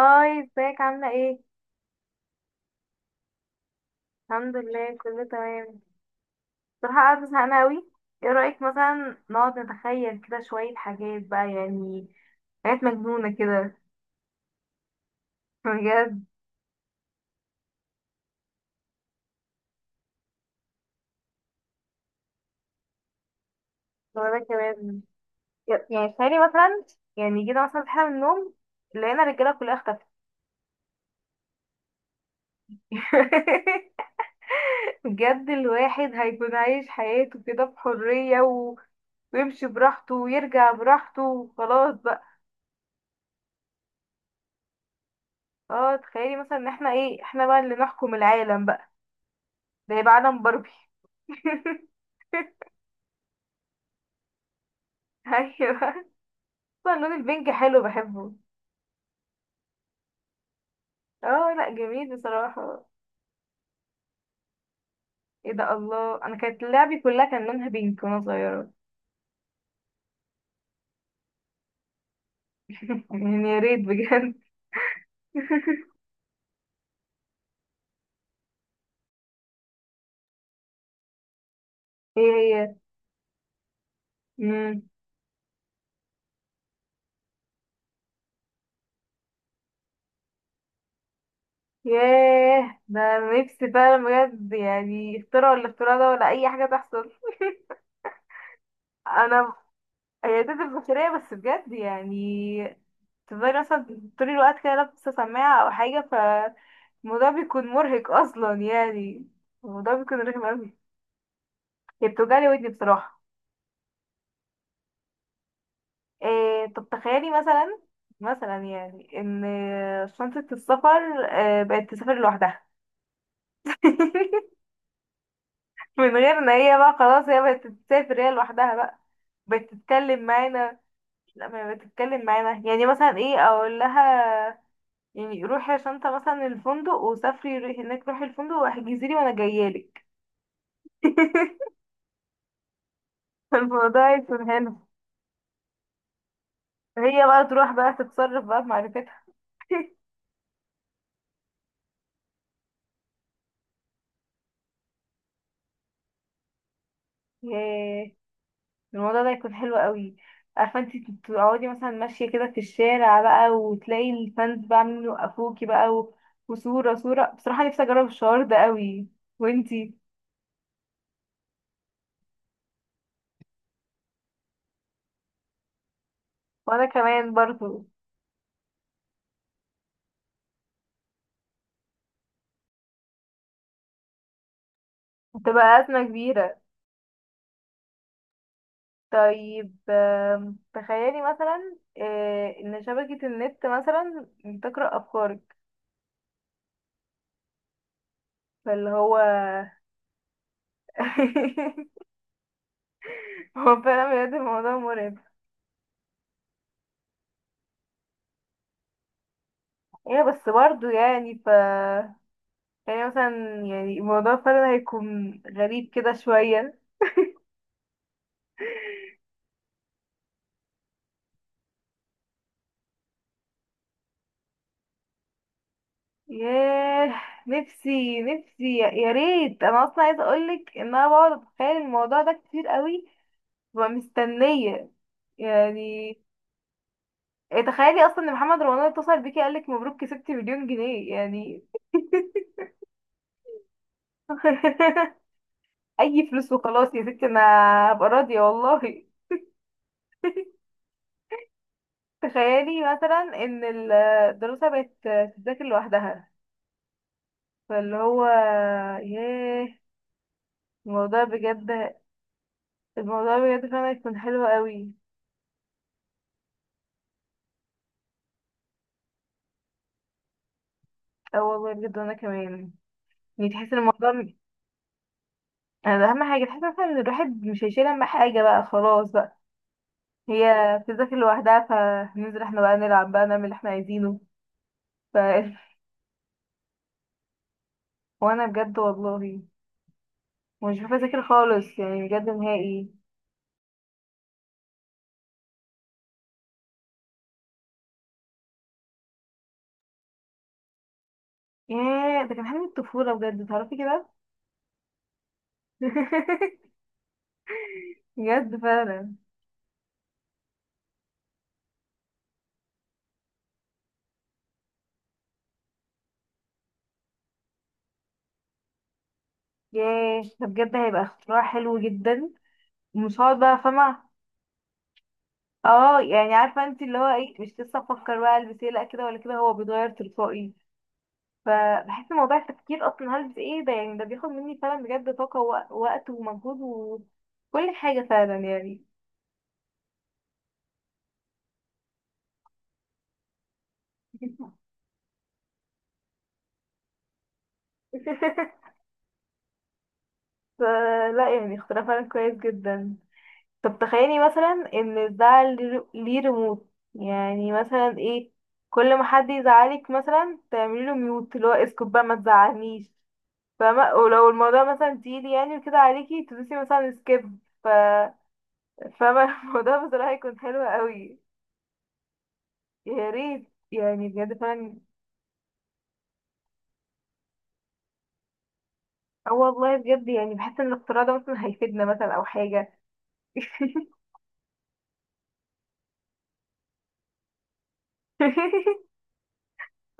هاي، ازيك؟ عاملة ايه؟ الحمد لله، كله تمام. بصراحة قاعدة زهقانة اوي. ايه رأيك مثلا نقعد نتخيل كده شوية حاجات بقى، يعني حاجات مجنونة كده. بجد. وانا كمان يعني تخيلي مثلا، يعني جينا مثلا صحينا من النوم، لقينا الرجالة كلها اختفت. بجد الواحد هيكون عايش حياته كده بحرية ويمشي براحته ويرجع براحته وخلاص بقى. اه، تخيلي مثلا ان احنا ايه، احنا بقى اللي نحكم العالم بقى. ده هيبقى عالم باربي. ايوه. طبعا اللون البينك حلو، بحبه. اه، لا جميل بصراحة. ايه ده، الله، انا كانت لعبي كلها كان لونها بينك وانا صغيرة. يعني يا ريت بجد. ايه؟ هي. مم. ياه، ده أنا نفسي فعلا. بجد يعني اختراع ولا اختراع ده ولا اي حاجة تحصل. انا، هي دي البشرية بس بجد يعني. تفضلي مثلا طول الوقت كده لابسة سماعة او حاجة، فالموضوع بيكون مرهق اصلا، يعني الموضوع بيكون رخم اوي. هي بتوجعلي ودني بصراحة. طب تخيلي مثلا، مثلا يعني ان شنطة السفر بقت تسافر لوحدها. من غير ان هي بقى خلاص، هي بقت تسافر هي لوحدها بقى، بتتكلم معانا. لا، ما بتتكلم معانا، يعني مثلا ايه اقول لها؟ يعني روحي يا شنطة مثلا الفندق، وسافري، روحي هناك، روحي الفندق واحجزي لي وانا جايالك. الموضوع يكون حلو. هي بقى تروح بقى تتصرف بقى بمعرفتها. ياه. الموضوع ده يكون حلو قوي. عارفه انت، تقعدي مثلا ماشيه كده في الشارع بقى وتلاقي الفانز بقى عاملين يوقفوكي بقى وصوره صوره، بصراحه نفسي اجرب الشعور ده قوي. وانتي؟ وانا كمان برضو. هتبقى ازمه كبيره. طيب، تخيلي مثلا ان شبكه النت مثلا تقرا افكارك، فاللي هو. هو فعلا بجد الموضوع مرعب. ايه بس برضو يعني ف، يعني مثلا يعني موضوع فعلا هيكون غريب كده شوية. ياه، نفسي نفسي يا ريت، انا اصلا عايزه اقولك ان انا بقعد اتخيل الموضوع ده كتير قوي. ببقى مستنيه، يعني. تخيلي اصلا ان محمد رمضان اتصل بيكي قالك مبروك، كسبتي مليون جنيه يعني. اي فلوس وخلاص يا ستي. انا هبقى راضيه والله. تخيلي مثلا ان الدراسه بقت تذاكر لوحدها، فاللي هو، ياه. الموضوع بجد. الموضوع بجد فعلا يكون حلو قوي. اه والله بجد. وانا كمان، يعني تحس ان الموضوع يعني اهم حاجه تحس مثلا ان الواحد مش هيشيل هم حاجه بقى خلاص بقى. هي بتذاكر لوحدها، فننزل احنا بقى نلعب بقى نعمل اللي احنا عايزينه. ف وانا بجد والله، مش بحب اذاكر خالص، يعني بجد نهائي. ياه، ده كان حلم الطفوله بجد، تعرفي كده. بجد فعلا. ياه، ده بجد هيبقى اختراع حلو جدا. ومش هقعد بقى فاهمة. اه، يعني عارفه انت، اللي هو ايه، مش لسه افكر بقى البس ايه، لا كده ولا كده، هو بيتغير تلقائي. فبحس ان موضوع التفكير اصلا هلبس ايه ده، يعني ده بياخد مني فعلا بجد طاقه ووقت ومجهود، وكل حاجه فعلا، يعني. فلا يعني اختراع فعلا كويس جدا. طب تخيلي مثلا ان ده ليه ريموت، يعني مثلا ايه، كل ما حد يزعلك مثلا تعملي له ميوت، اللي هو اسكت بقى ما تزعلنيش، فاهمة؟ ولو الموضوع مثلا تقيل يعني وكده عليكي تدوسي مثلا سكيب، ف، فاهمة؟ الموضوع بصراحة هيكون حلو قوي. يا ريت يعني بجد فعلا. اه والله بجد، يعني بحس ان الاختراع ده مثلا هيفيدنا، مثلا او حاجة.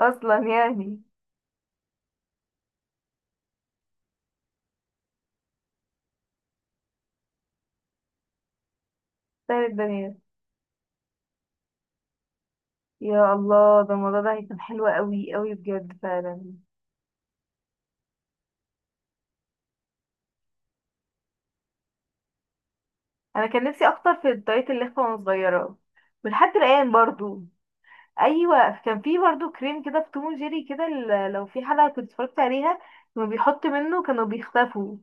اصلا يعني. سهل الدنيا. يا الله، ده الموضوع ده هيكون حلو قوي قوي بجد فعلا. انا كان نفسي اكتر في الدايت، اللي وانا صغيرة. ولحد الان برضو، ايوه، كان في برضو كريم كده في توم جيري كده، لو في حلقه كنت اتفرجت عليها، كانوا بيحط منه، كانوا بيختفوا.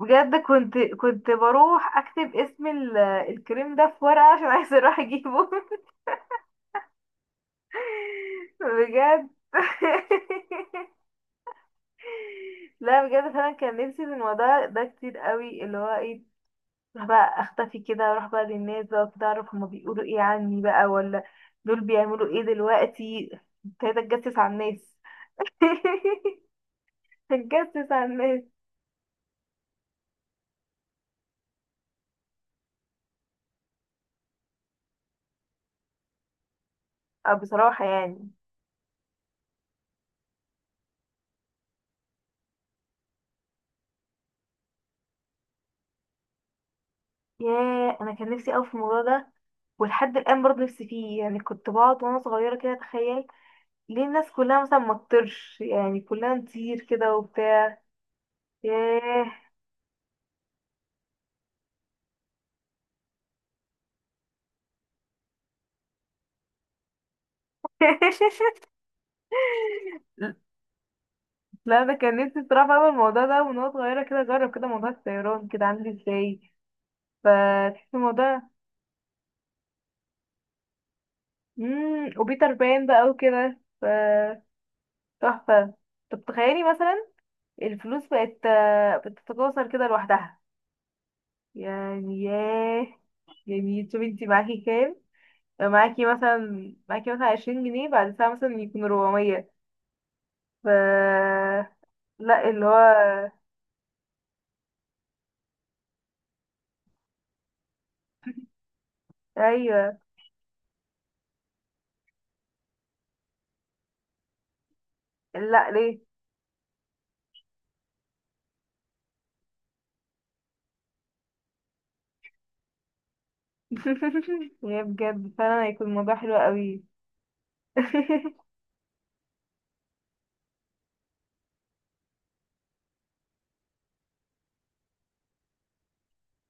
بجد كنت بروح اكتب اسم الكريم ده في ورقه عشان عايزه اروح اجيبه. بجد. لا بجد فعلا، كان نفسي في الموضوع ده كتير قوي، اللي هو ايه، اروح بقى اختفي كده، اروح بقى للناس بقى كده، اعرف هما بيقولوا ايه عني بقى، ولا دول بيعملوا ايه دلوقتي. ابتديت اتجسس على الناس. تتجسس على الناس. اه بصراحة يعني. ياه، انا كان نفسي اوي في الموضوع ده، ولحد الان برضه نفسي فيه، يعني كنت بقعد وانا صغيرة كده اتخيل ليه الناس كلها مثلا ما تطيرش، يعني كلها نطير كده وبتاع. ياه. لا انا كان نفسي بصراحة اعمل الموضوع ده من وانا صغيرة كده، اجرب كده موضوع الطيران كده عامل ازاي. فتحس الموضوع. وبيتر بان بقى وكده ف تحفة. طب تخيلي مثلا الفلوس بقت بتتكاثر كده لوحدها، يعني. ياه، يعني شوفي انت معاكي كام، معاكي مثلا 20 جنيه، بعد ساعة مثلا يكون 400. ف، لا اللي هو. ايوه. لا ليه؟ يا بجد فعلا هيكون الموضوع حلو قوي.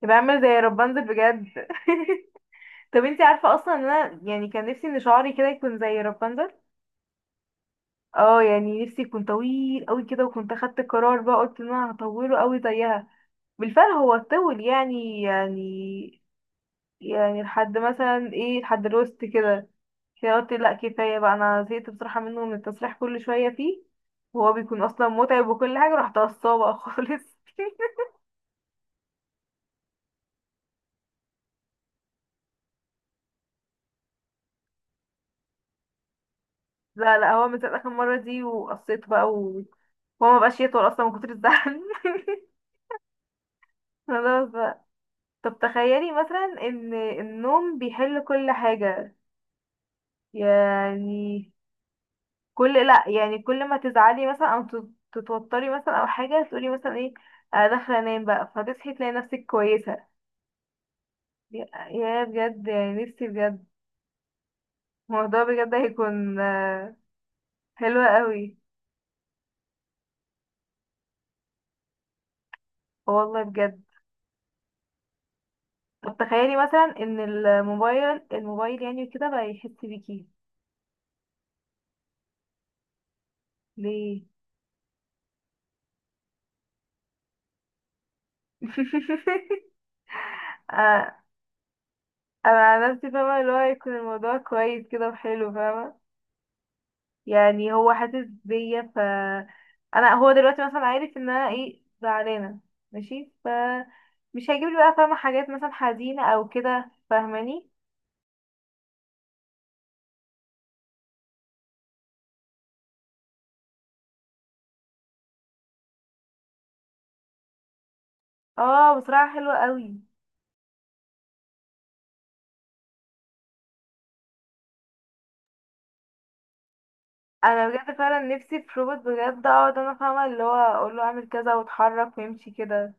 يبقى عامل زي رابنزل بجد. طب انت عارفة اصلا ان انا، يعني كان نفسي ان شعري كده يكون زي رابنزل. اه، يعني نفسي يكون طويل قوي كده، وكنت اخدت قرار بقى، قلت ان انا هطوله قوي زيها. بالفعل هو طول، يعني لحد مثلا ايه، لحد الوسط كده. كده قلت لا كفاية بقى، انا زهقت بصراحة منه، من التصريح كل شوية فيه، وهو بيكون اصلا متعب وكل حاجة، رحت قصاه بقى خالص. لا لا، هو من ساعة اخر مرة دي وقصيت بقى وهو مبقاش يطول اصلا من كتر الزعل. خلاص بقى. طب تخيلي مثلا ان النوم بيحل كل حاجة، يعني كل، لا يعني كل ما تزعلي مثلا او تتوتري مثلا او حاجة تقولي مثلا ايه، انا داخلة انام بقى، فهتصحي تلاقي نفسك كويسة. يا بجد يعني نفسي بجد. الموضوع بجد هيكون حلو قوي. آه والله بجد. طب تخيلي مثلا ان الموبايل يعني كده بقى يحس بيكي. ليه؟ آه، انا على نفسي فاهمه، اللي هو يكون الموضوع كويس كده وحلو، فاهمه، يعني هو حاسس بيا. ف انا، هو دلوقتي مثلا عارف ان انا ايه زعلانه، ماشي، ف مش هيجيب لي بقى فاهمه حاجات مثلا حزينه او كده، فاهماني؟ اه بصراحه حلوه قوي. انا بجد فعلا نفسي في روبوت، بجد اقعد انا فاهمه اللي هو اقول له اعمل كذا واتحرك ويمشي كده.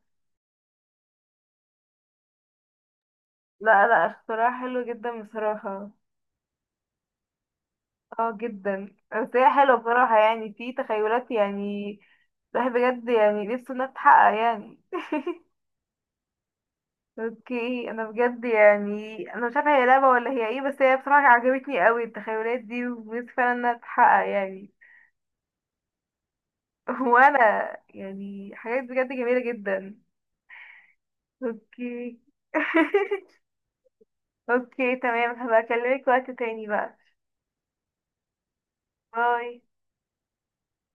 لا لا، اختراع حلو جدا بصراحه. اه جدا، بس هي حلوه بصراحه يعني، في تخيلات يعني الواحد بجد يعني نفسه انها تتحقق يعني. اوكي، انا بجد يعني انا مش عارفه هي لعبه ولا هي ايه، بس هي بصراحه عجبتني قوي التخيلات دي، ونفسي فعلا انها تتحقق، يعني. وانا. يعني حاجات بجد جميله جدا. اوكي. اوكي تمام، هبقى اكلمك وقت تاني بقى. باي.